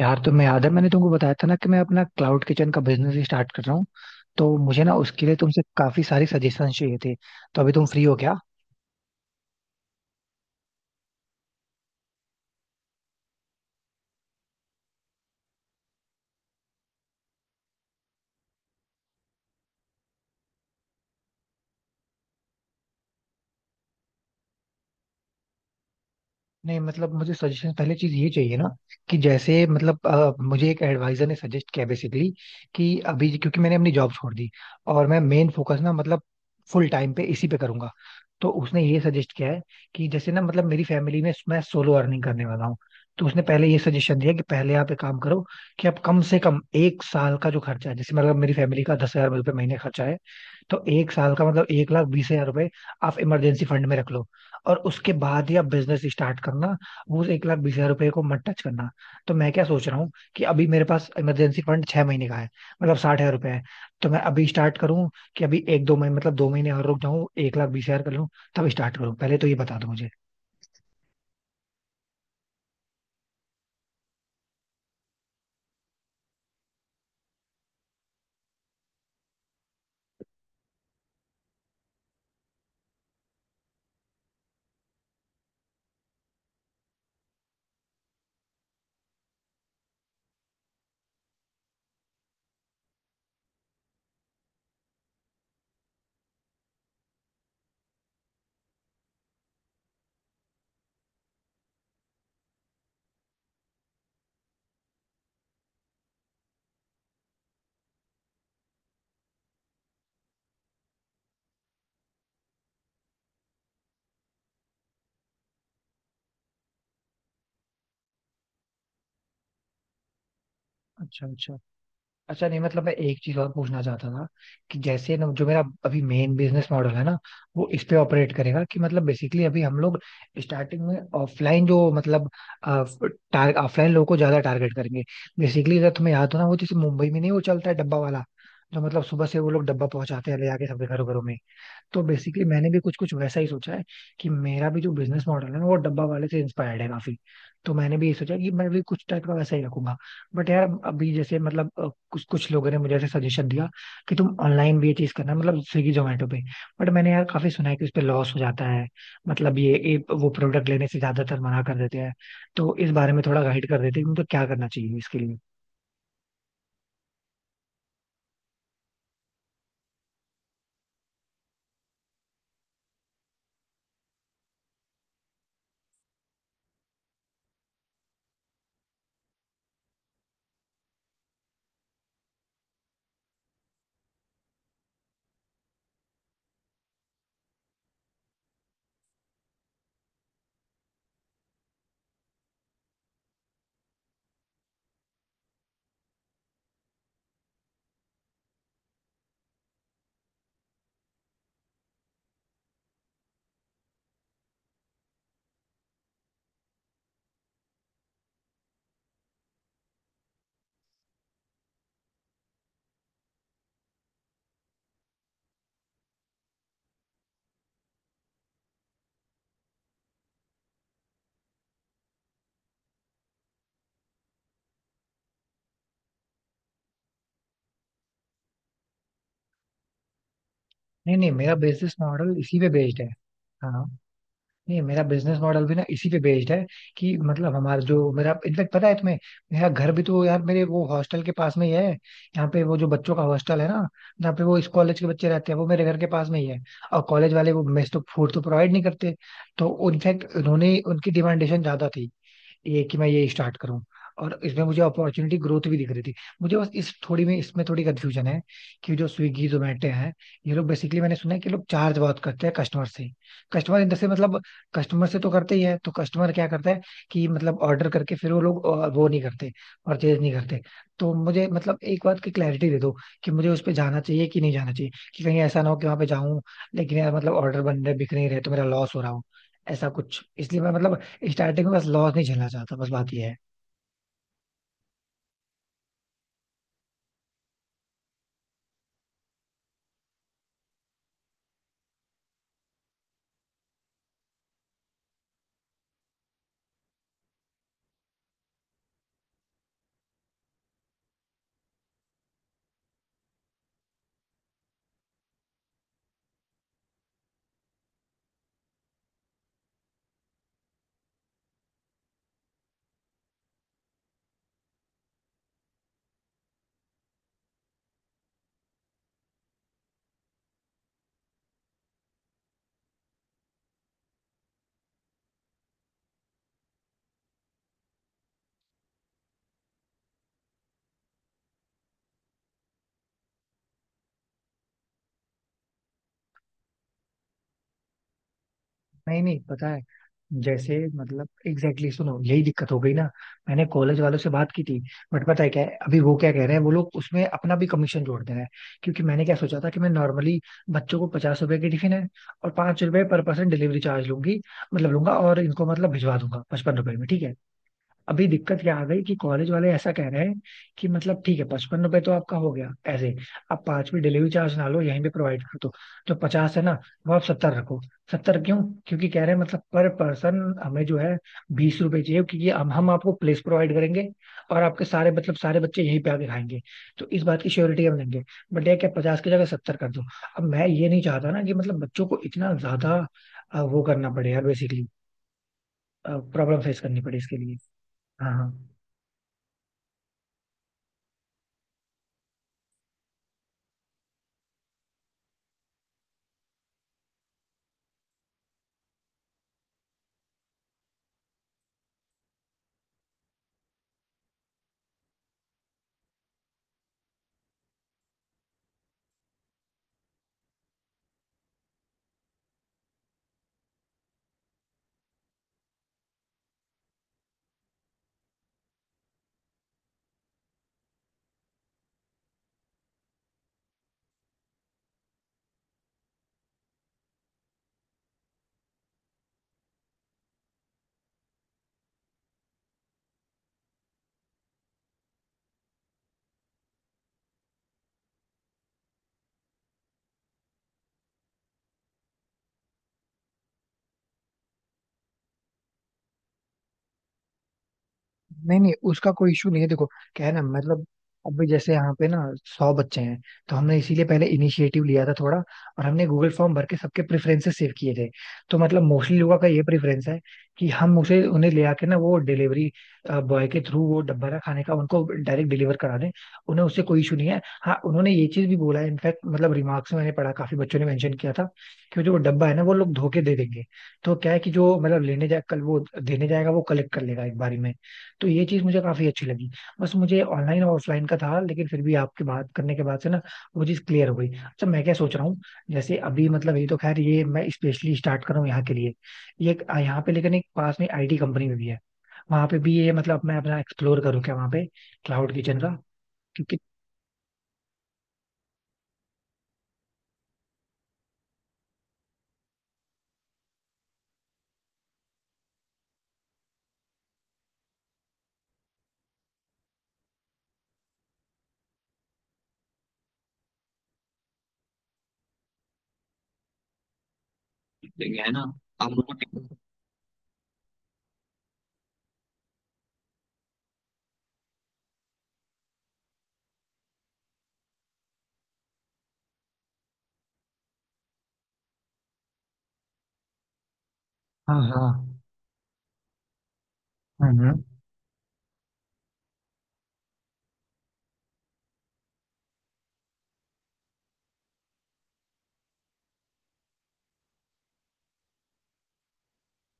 यार, तुम्हें याद है मैंने तुमको बताया था ना कि मैं अपना क्लाउड किचन का बिजनेस स्टार्ट कर रहा हूँ। तो मुझे ना उसके लिए तुमसे काफी सारी सजेशन चाहिए थे। तो अभी तुम फ्री हो क्या? नहीं मतलब, मुझे सजेशन पहले चीज ये चाहिए ना कि जैसे मतलब मुझे एक एडवाइजर ने सजेस्ट किया बेसिकली कि अभी क्योंकि मैंने अपनी जॉब छोड़ दी और मैं मेन फोकस ना मतलब फुल टाइम पे इसी पे करूंगा। तो उसने ये सजेस्ट किया है कि जैसे ना मतलब मेरी फैमिली में मैं सोलो अर्निंग करने वाला हूँ। तो उसने पहले ये सजेशन दिया कि पहले आप एक काम करो कि आप कम से कम एक साल का जो खर्चा है, जैसे मतलब मेरी फैमिली का 10 हजार रुपये महीने खर्चा है, तो एक साल का मतलब 1 लाख 20 हजार रुपए आप इमरजेंसी फंड में रख लो और उसके बाद ही आप बिजनेस स्टार्ट करना। वो उस 1 लाख 20 हजार रुपए को मत टच करना। तो मैं क्या सोच रहा हूँ कि अभी मेरे पास इमरजेंसी फंड 6 महीने का है, मतलब 60 हजार रुपए है। तो मैं अभी स्टार्ट करूँ कि अभी एक दो महीने मतलब 2 महीने और रुक जाऊँ, 1 लाख 20 हजार कर लूँ, तब स्टार्ट करूँ? पहले तो ये बता दो मुझे। अच्छा अच्छा। अच्छा नहीं मतलब, मैं एक चीज और पूछना चाहता था कि जैसे ना जो मेरा अभी मेन बिजनेस मॉडल है ना वो इस पे ऑपरेट करेगा कि मतलब बेसिकली अभी हम लोग स्टार्टिंग में ऑफलाइन, जो मतलब ऑफलाइन लोगों को ज्यादा टारगेट करेंगे। बेसिकली अगर तुम्हें याद हो ना वो जैसे मुंबई में नहीं, वो चलता है डब्बा वाला, जो मतलब सुबह से वो लोग डब्बा पहुंचाते हैं ले जाके सबके घरों घरों में। तो बेसिकली मैंने भी कुछ कुछ वैसा ही सोचा है कि मेरा भी जो बिजनेस मॉडल है ना वो डब्बा वाले से इंस्पायर्ड है काफी। तो मैंने भी ये सोचा कि मैं भी कुछ टाइप का वैसा ही रखूंगा। बट यार अभी जैसे मतलब कुछ कुछ लोगों ने मुझे ऐसे सजेशन दिया कि तुम ऑनलाइन भी ये चीज करना, मतलब स्विगी जोमेटो पे। बट मैंने यार काफी सुना है कि उस पे लॉस हो जाता है, मतलब ये एक वो प्रोडक्ट लेने से ज्यादातर मना कर देते हैं। तो इस बारे में थोड़ा गाइड कर देते हैं कि मतलब क्या करना चाहिए इसके लिए। नहीं नहीं, मेरा बिजनेस मॉडल इसी पे बेस्ड है। हाँ। नहीं मेरा बिजनेस मॉडल भी ना इसी पे बेस्ड है कि मतलब हमारा जो मेरा, इनफैक्ट पता है तुम्हें, मेरा घर भी तो यार मेरे वो हॉस्टल के पास में ही है। यहाँ पे वो जो बच्चों का हॉस्टल है ना, यहाँ पे वो इस कॉलेज के बच्चे रहते हैं, वो मेरे घर के पास में ही है। और कॉलेज वाले वो मेस तो फूड तो प्रोवाइड नहीं करते। तो इनफैक्ट उन्होंने, उनकी डिमांडेशन ज्यादा थी ये कि मैं ये स्टार्ट करूं, और इसमें मुझे अपॉर्चुनिटी ग्रोथ भी दिख रही थी। मुझे बस इस थोड़ी में, इसमें थोड़ी कंफ्यूजन है कि जो स्विगी जोमेटो है ये लोग, बेसिकली मैंने सुना है कि लोग चार्ज बहुत करते हैं कस्टमर से। कस्टमर इन द से मतलब कस्टमर से तो करते ही है। तो कस्टमर क्या करता है कि मतलब ऑर्डर करके फिर वो लोग वो नहीं करते, परचेज नहीं करते। तो मुझे मतलब एक बात की क्लैरिटी दे दो कि मुझे उस पर जाना चाहिए कि नहीं जाना चाहिए, कि कहीं ऐसा ना हो कि वहां पे जाऊं लेकिन यार मतलब ऑर्डर बन रहे बिक नहीं रहे तो मेरा लॉस हो रहा हो, ऐसा कुछ। इसलिए मैं मतलब स्टार्टिंग में बस लॉस नहीं झेलना चाहता, बस बात ये है। नहीं नहीं, पता है। जैसे मतलब एग्जैक्टली, सुनो यही दिक्कत हो गई ना, मैंने कॉलेज वालों से बात की थी। बट पता है क्या है, अभी वो क्या कह रहे हैं, वो लोग उसमें अपना भी कमीशन जोड़ दे रहे हैं। क्योंकि मैंने क्या सोचा था कि मैं नॉर्मली बच्चों को 50 रुपए की टिफिन है और 5 रुपए पर पर्सन डिलीवरी चार्ज लूंगी, मतलब लूंगा, और इनको मतलब भिजवा दूंगा 55 रुपए में, ठीक है। अभी दिक्कत क्या आ गई कि कॉलेज वाले ऐसा कह रहे हैं कि मतलब ठीक है, 55 रुपए तो आपका हो गया ऐसे, आप 5वीं डिलीवरी चार्ज ना लो, यहीं पे प्रोवाइड कर दो, जो 50 है ना वो आप 70 रखो। 70 क्यों? क्योंकि कह रहे हैं मतलब पर पर्सन हमें जो है 20 रुपए चाहिए क्योंकि हम आपको प्लेस प्रोवाइड करेंगे और आपके सारे मतलब सारे बच्चे यहीं पे आके खाएंगे, तो इस बात की श्योरिटी हम लेंगे। बट ये क्या 50 की जगह 70 कर दो। अब मैं ये नहीं चाहता ना कि मतलब बच्चों को इतना ज्यादा वो करना पड़े यार, बेसिकली प्रॉब्लम फेस करनी पड़े इसके लिए। हाँ हाँ। नहीं नहीं, उसका कोई इशू नहीं है देखो। क्या है ना मतलब, अभी जैसे यहाँ पे ना 100 बच्चे हैं। तो हमने इसीलिए पहले इनिशिएटिव लिया था थोड़ा और हमने गूगल फॉर्म भर के सबके प्रेफरेंसेस सेव किए थे। तो मतलब मोस्टली लोगों का ये प्रेफरेंस है कि हम उसे, उन्हें ले आके ना वो डिलीवरी बॉय के थ्रू वो डब्बा ना खाने का उनको डायरेक्ट डिलीवर करा दें। उन्हें उससे कोई इशू नहीं है। हाँ, उन्होंने ये चीज भी बोला है इनफैक्ट, मतलब रिमार्क्स में मैंने पढ़ा, काफी बच्चों ने मेंशन किया था कि जो वो डब्बा है ना वो लोग धोके दे देंगे। तो क्या है कि जो मतलब लेने जाए कल वो देने जाएगा, वो कलेक्ट कर लेगा एक बारी में। तो ये चीज मुझे काफी अच्छी लगी। बस मुझे ऑनलाइन और ऑफलाइन का था लेकिन फिर भी आपके बात करने के बाद से ना वो चीज क्लियर हो गई। अच्छा, मैं क्या सोच रहा हूँ, जैसे अभी मतलब ये तो खैर ये मैं स्पेशली स्टार्ट कर रहा हूँ यहाँ के लिए। यहाँ पे लेकिन एक पास में आईटी कंपनी में भी है, वहां पे भी ये मतलब मैं अपना एक्सप्लोर करूँ क्या वहां पे क्लाउड किचन का? क्योंकि हाँ। आप, हाँ हाँ। हम्म हम्म।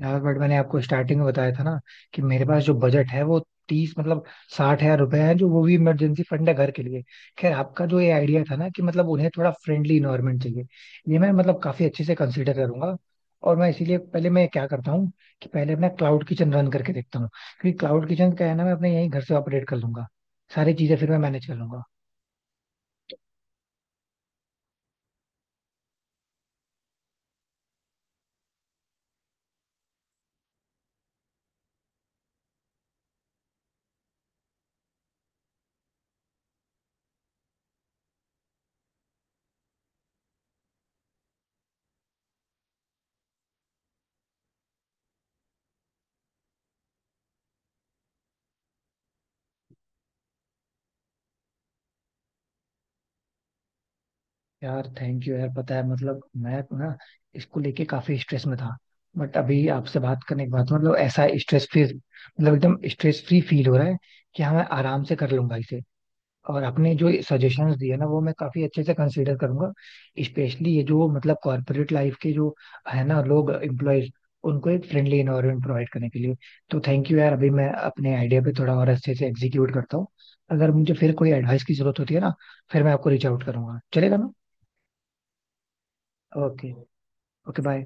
यार बट मैंने आपको स्टार्टिंग में बताया था ना कि मेरे पास जो बजट है वो 30, मतलब साठ हजार रुपए है, जो वो भी इमरजेंसी फंड है घर के लिए। खैर, आपका जो ये आइडिया था ना कि मतलब उन्हें थोड़ा फ्रेंडली इन्वायरमेंट चाहिए, ये मैं मतलब काफी अच्छे से कंसीडर करूंगा। और मैं इसीलिए पहले मैं क्या करता हूँ कि पहले अपना क्लाउड किचन रन करके देखता हूँ, क्योंकि क्लाउड किचन का है ना मैं अपने यहीं घर से ऑपरेट कर लूंगा, सारी चीजें फिर मैं मैनेज कर लूंगा। यार थैंक यू यार, पता है मतलब मैं ना इसको लेके काफी स्ट्रेस में था। बट अभी आपसे बात करने के बाद मतलब ऐसा स्ट्रेस फ्री, मतलब एकदम स्ट्रेस फ्री फील हो रहा है कि हाँ मैं आराम से कर लूंगा इसे। और आपने जो सजेशंस दिए ना वो मैं काफी अच्छे से कंसीडर करूंगा, स्पेशली ये जो मतलब कॉर्पोरेट लाइफ के जो है ना लोग, एम्प्लॉयज, उनको एक फ्रेंडली एनवायरनमेंट प्रोवाइड करने के लिए। तो थैंक यू यार, अभी मैं अपने आइडिया पे थोड़ा और अच्छे से एग्जीक्यूट करता हूँ। अगर मुझे फिर कोई एडवाइस की जरूरत होती है ना, फिर मैं आपको रीच आउट करूंगा, चलेगा ना? ओके। Okay bye.